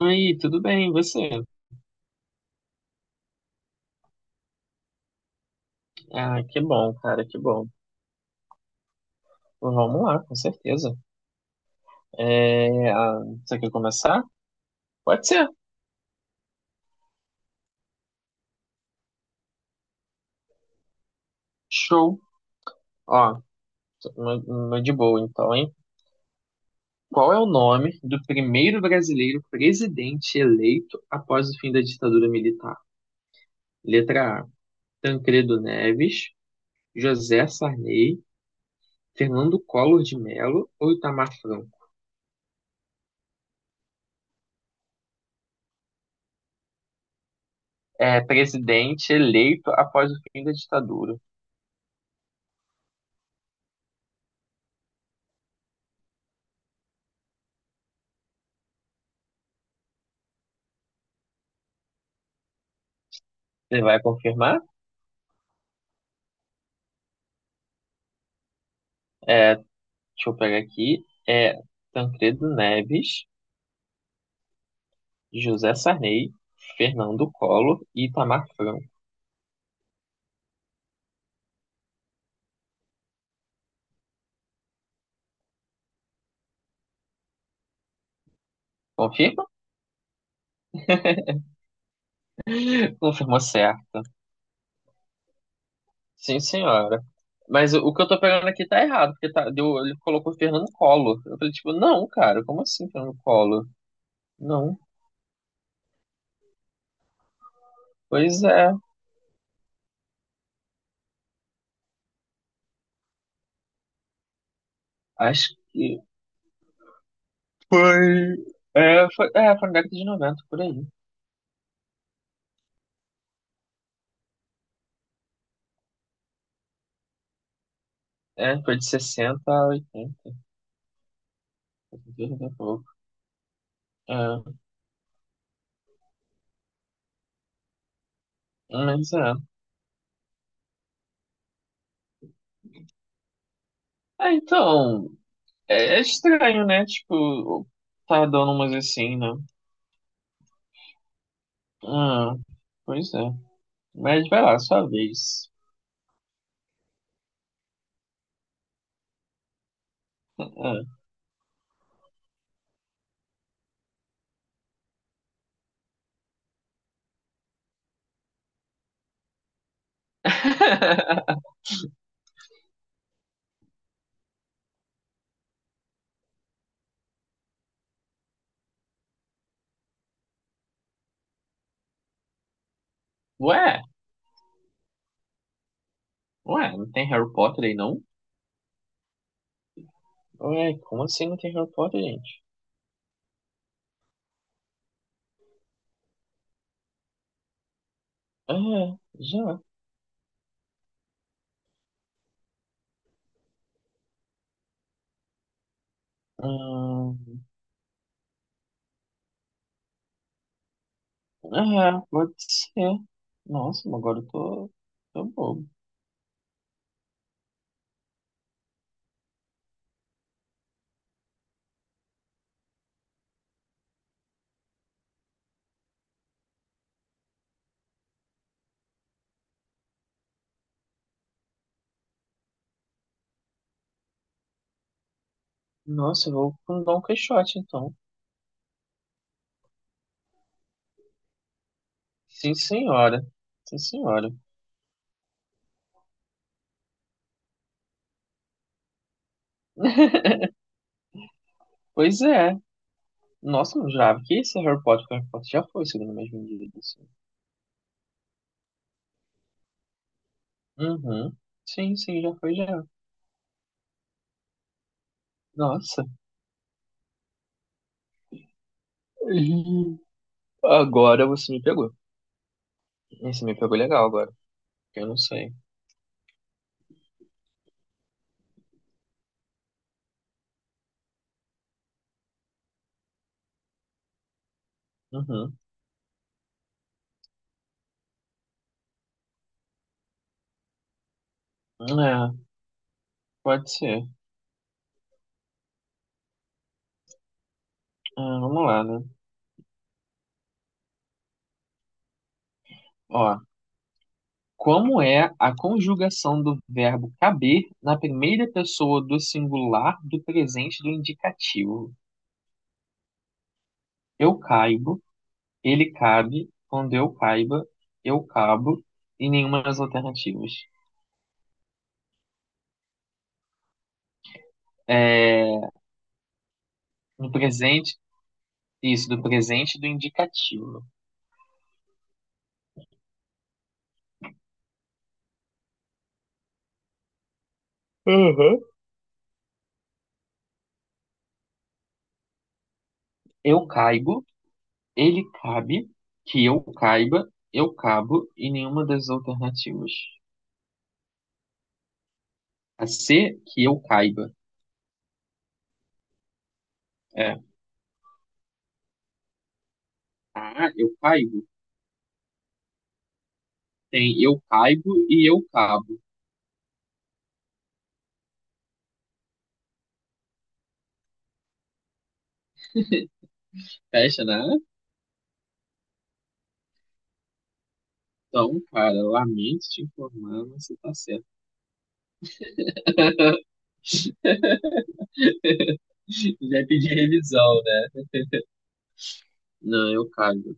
Oi, tudo bem, e você? Ah, que bom, cara, que bom. Vamos lá, com certeza. É, você quer começar? Pode ser. Show. Ó, uma de boa, então, hein? Qual é o nome do primeiro brasileiro presidente eleito após o fim da ditadura militar? Letra A, Tancredo Neves, José Sarney, Fernando Collor de Mello ou Itamar Franco? É, presidente eleito após o fim da ditadura. Você vai confirmar? É, Deixa eu pegar aqui. É Tancredo Neves, José Sarney, Fernando Collor e Itamar Franco. Confirma? Confirmou certa. Sim, senhora. Mas o que eu tô pegando aqui tá errado, porque tá, deu, ele colocou Fernando Collor. Eu falei, tipo, não, cara, como assim Fernando Collor? Não. Pois é, acho que. É, foi na década de 90 por aí. É, foi de 60 a 80, 80 e pouco. É, mas é. É, então, é, é estranho, né? Tipo, tá dando umas assim, né? Ah, pois é. Mas vai lá, sua vez. Ah. Ué, ué, não tem Harry Potter aí, não? Ué, como assim não tem Harry Potter, gente? Ah, já. Hum, ah, pode ser. Nossa, mas agora tô bobo. Nossa, eu vou com Dom Quixote, então. Sim, senhora. Sim, senhora. Pois é. Nossa, não jurava que esse Harry Potter já foi, segundo o mesmo dia. Uhum. Sim, sim, já foi já. Nossa. Ih, agora você me pegou. Você me pegou legal agora. Eu não sei. Uhum. É, pode ser. Ah, vamos lá, né? Ó, como é a conjugação do verbo caber na primeira pessoa do singular do presente do indicativo? Eu caibo, ele cabe, quando eu caiba, eu cabo, e nenhuma das alternativas. É, no presente, isso, do presente do indicativo. Uhum. Eu caibo, ele cabe, que eu caiba, eu cabo e nenhuma das alternativas. A C, que eu caiba. É. A, eu caibo. Tem eu caibo e eu cabo. Fecha, né? Então, cara, lamento te informar, mas você tá certo. Já pedi revisão, né? Não, eu caibo.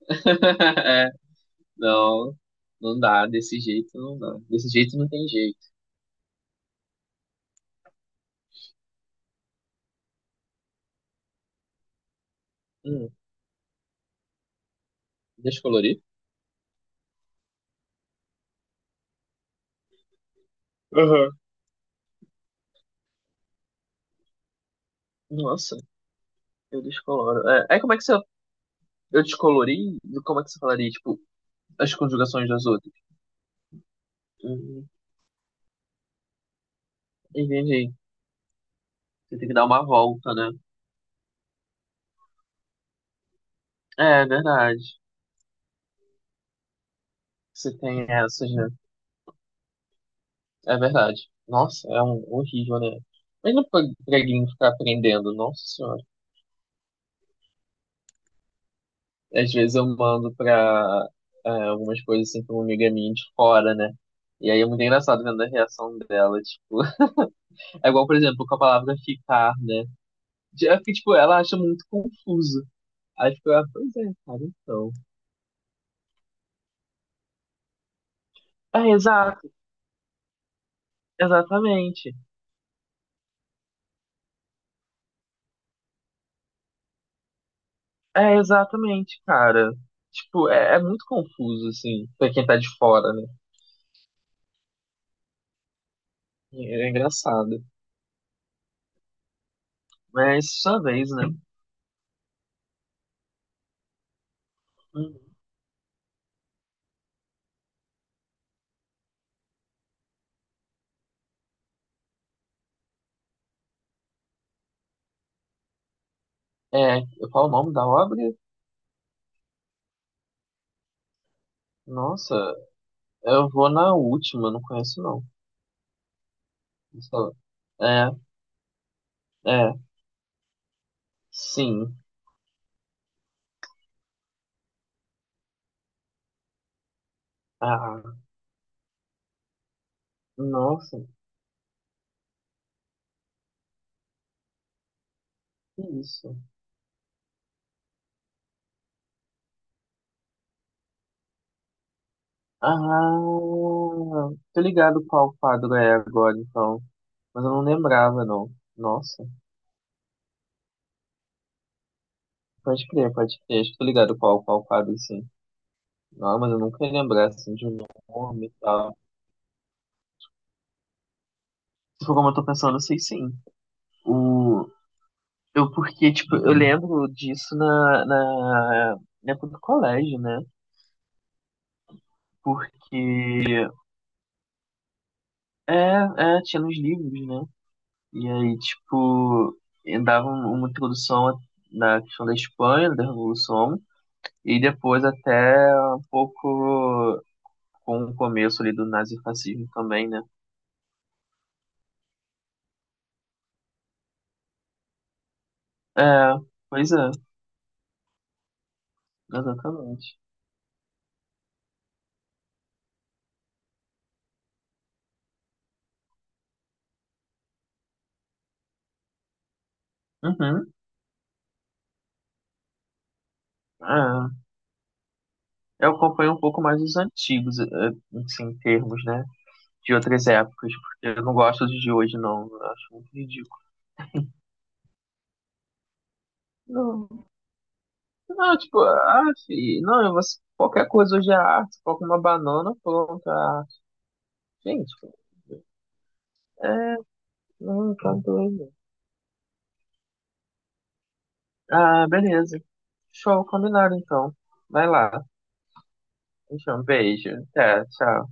É, não, não dá. Desse jeito não dá. Desse jeito não tem jeito. Hum, deixa uhum. Nossa, eu descoloro. É, aí como é que você eu descolori? Como é que você falaria? Tipo, as conjugações das outras. Uhum, entendi. Você tem que dar uma volta, né? É, é verdade. Você tem essas, né? É verdade. Nossa, é um horrível, né? Mas não pra preguinho ficar aprendendo, nossa senhora. Às vezes eu mando pra é, algumas coisas assim pra uma amiga minha de fora, né? E aí é muito engraçado vendo a reação dela, tipo. É igual, por exemplo, com a palavra ficar, né? É porque, tipo, ela acha muito confuso. Aí fica, ah, pois é, cara, então. É, exato, exatamente. É, exatamente, cara. Tipo, é muito confuso, assim, pra quem tá de fora, né? É, engraçado. Mas sua vez, né? Uhum. É, qual o nome da obra? Nossa, eu vou na última, não conheço não. Só- é, é, sim. Ah, nossa, que isso? Ah, tô ligado qual quadro é agora, então. Mas eu não lembrava, não. Nossa. Pode crer, pode crer. Acho que tô ligado qual quadro, sim. Não, mas eu nunca ia lembrar, assim, de um nome e tal. Se for como eu tô pensando, eu sei sim. O... Eu, porque, tipo, eu lembro disso na época do colégio, né? Porque, é, é, tinha nos livros, né? E aí, tipo, eu dava um- uma introdução na questão da Espanha, da Revolução, e depois até um pouco com o começo ali do nazifascismo também, né? É, pois é. Exatamente. Uhum. É, eu acompanho um pouco mais os antigos, eh, assim, em termos, né? De outras épocas, porque eu não gosto dos de hoje, não. Eu acho muito ridículo. Não, não, tipo, ah, fi, não, você, qualquer coisa hoje é arte, coloca uma banana, pronto, é arte. Gente, é, não, tá doido. Ah, beleza. Show, combinado então. Vai lá. Então, beijo. Até, tchau.